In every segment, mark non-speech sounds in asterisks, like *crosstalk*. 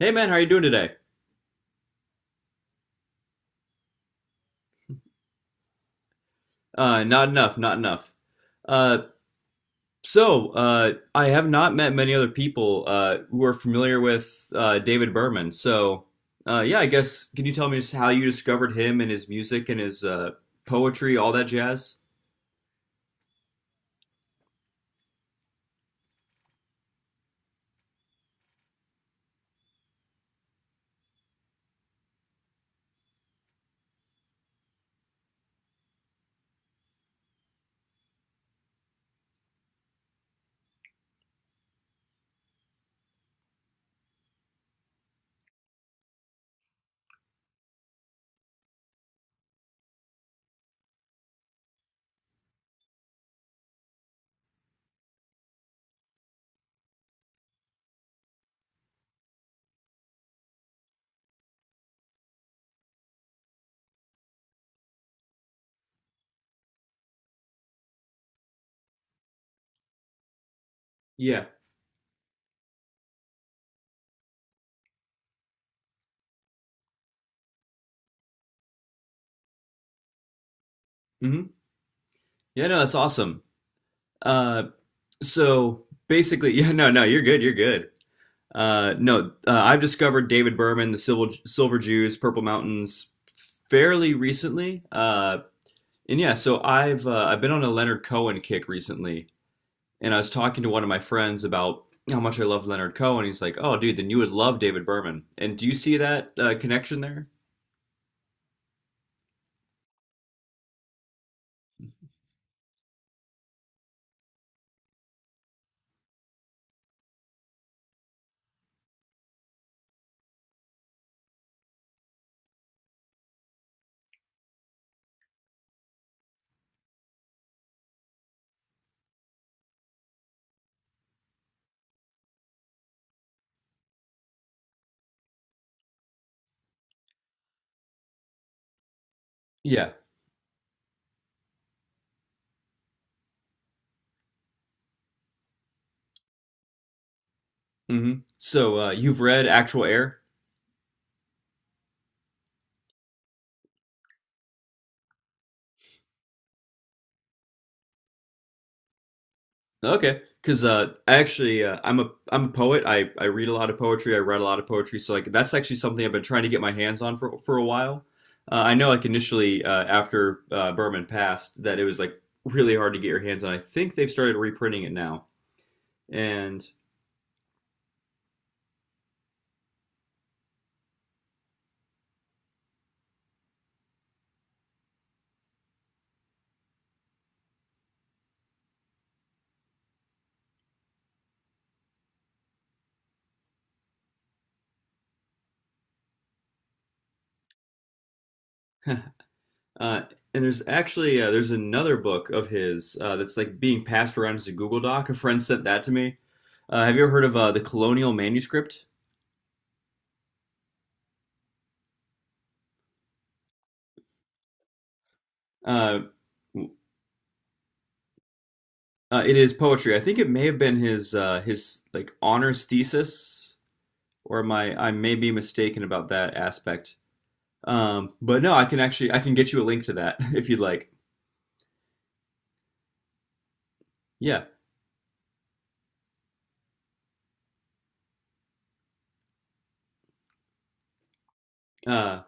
Hey man, how are you doing today? Not enough, not enough. Uh, I have not met many other people who are familiar with David Berman. Yeah, I guess, can you tell me just how you discovered him and his music and his poetry, all that jazz? Yeah. hmm Yeah, no, that's awesome. Uh, so basically, *laughs* yeah, no, no, you're good, you're good. No, I've discovered David Berman, the Silver Jews, Purple Mountains, fairly recently. And yeah, so I've been on a Leonard Cohen kick recently, and I was talking to one of my friends about how much I love Leonard Cohen. He's like, "Oh, dude, then you would love David Berman." And do you see that connection there? Yeah. So you've read Actual Air? Okay, because I'm a poet. I read a lot of poetry. I write a lot of poetry. So like that's actually something I've been trying to get my hands on for a while. I know, like, initially after Berman passed, that it was like really hard to get your hands on. I think they've started reprinting it now. And uh, and there's actually there's another book of his that's like being passed around as a Google Doc. A friend sent that to me. Have you ever heard of the Colonial Manuscript? Uh, it is poetry. I think it may have been his like honors thesis, or my I may be mistaken about that aspect. But no, I can get you a link to that *laughs* if you'd like. Yeah. Uh,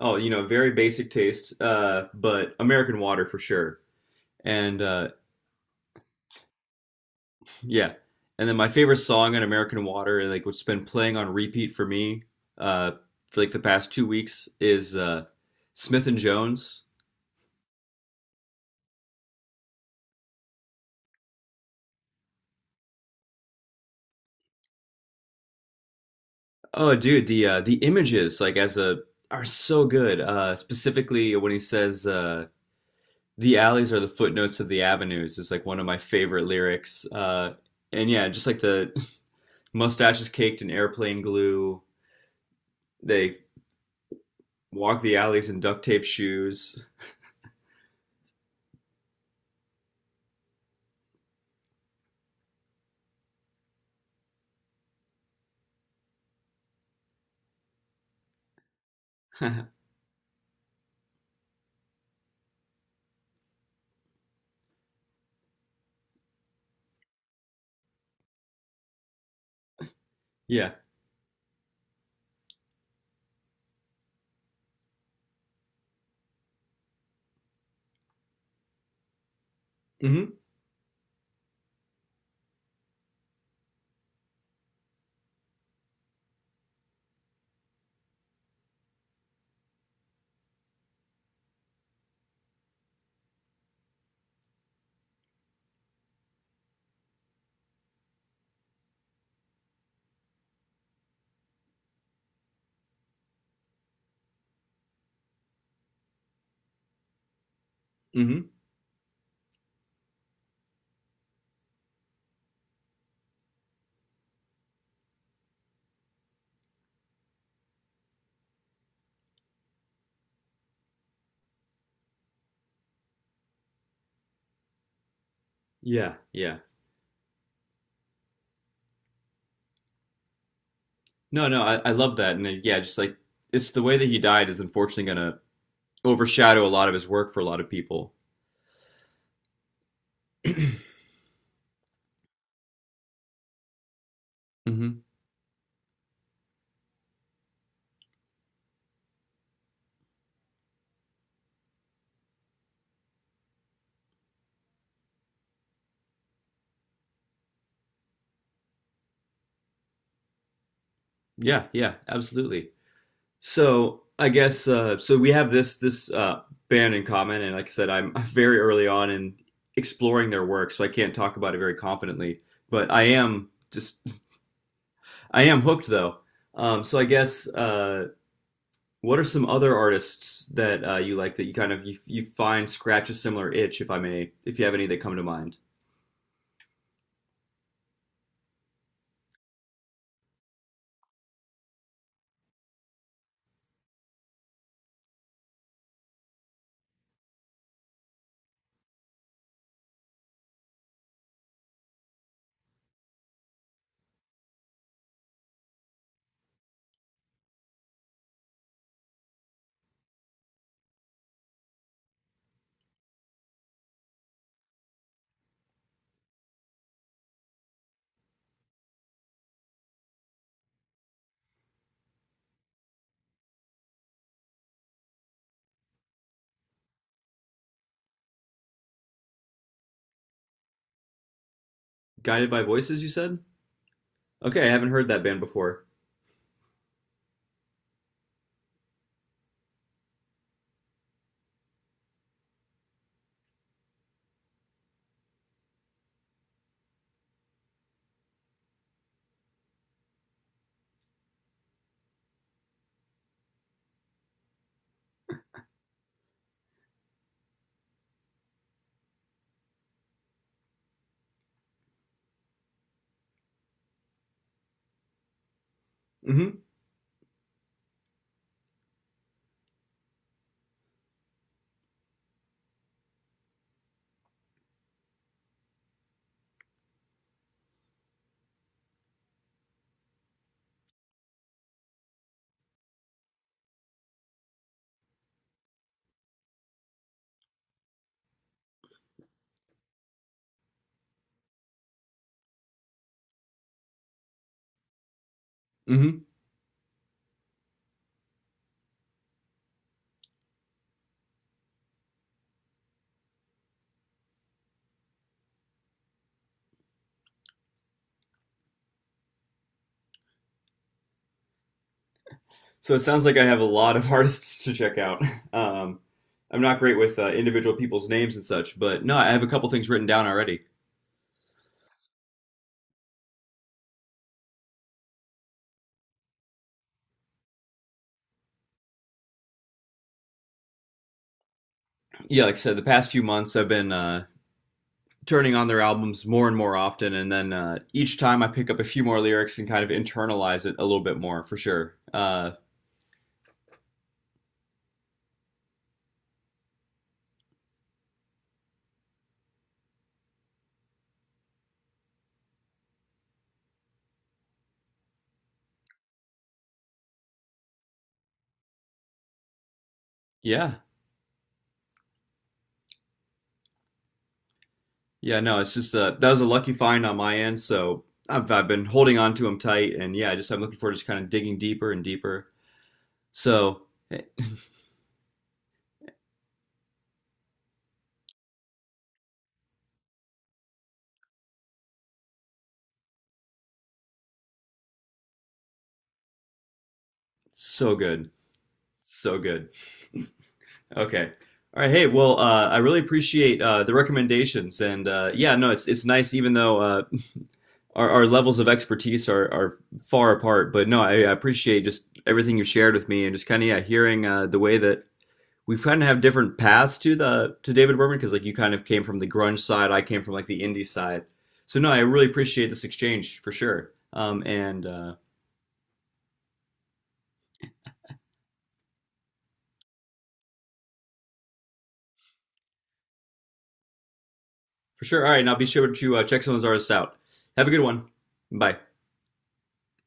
oh, you know, very basic taste, but American Water for sure. And yeah, and then my favorite song on American Water, like what's been playing on repeat for me, uh, for like the past 2 weeks, is Smith and Jones. Oh, dude, the images like as a are so good. Specifically when he says, the alleys are the footnotes of the avenues, is like one of my favorite lyrics. And yeah, just like the *laughs* mustaches caked in airplane glue. They walk the alleys in duct tape shoes. *laughs* Yeah. Mm-hmm. Mm-hmm. Yeah. Yeah. No, no, I love that. And yeah, just like it's the way that he died is unfortunately gonna overshadow a lot of his work for a lot of people. hmm Yeah, yeah, absolutely. So I guess, We have this band in common, and like I said, I'm *laughs* very early on in exploring their work, so I can't talk about it very confidently. But I am hooked though. Um, so I guess uh, what are some other artists that you like, that you kind of you find scratch a similar itch, if I may, if you have any that come to mind? Guided by Voices, you said? Okay, I haven't heard that band before. hmm hmm So it sounds like I have a lot of *laughs* artists to check out. *laughs* Um, I'm not great with individual people's names and such, but no, I have a couple things written down already. Yeah, like I said, the past few months I've been turning on their albums more and more often, and then each time I pick up a few more lyrics and kind of internalize it a little bit more for sure. Yeah, yeah, no, it's just that was a lucky find on my end, so I've been holding on to them tight, and yeah, I'm looking forward to just kind of digging deeper and deeper. So, eh, so good, so good. Okay. All right, hey, well, I really appreciate the recommendations, and yeah, no, it's nice, even though our levels of expertise are far apart. But no, I appreciate just everything you shared with me, and just kind of yeah, hearing the way that we kind of have different paths to the to David Berman, because like you kind of came from the grunge side, I came from like the indie side. So no, I really appreciate this exchange for sure. And for sure, all right, now be sure to check some of those artists out. Have a good one. Bye.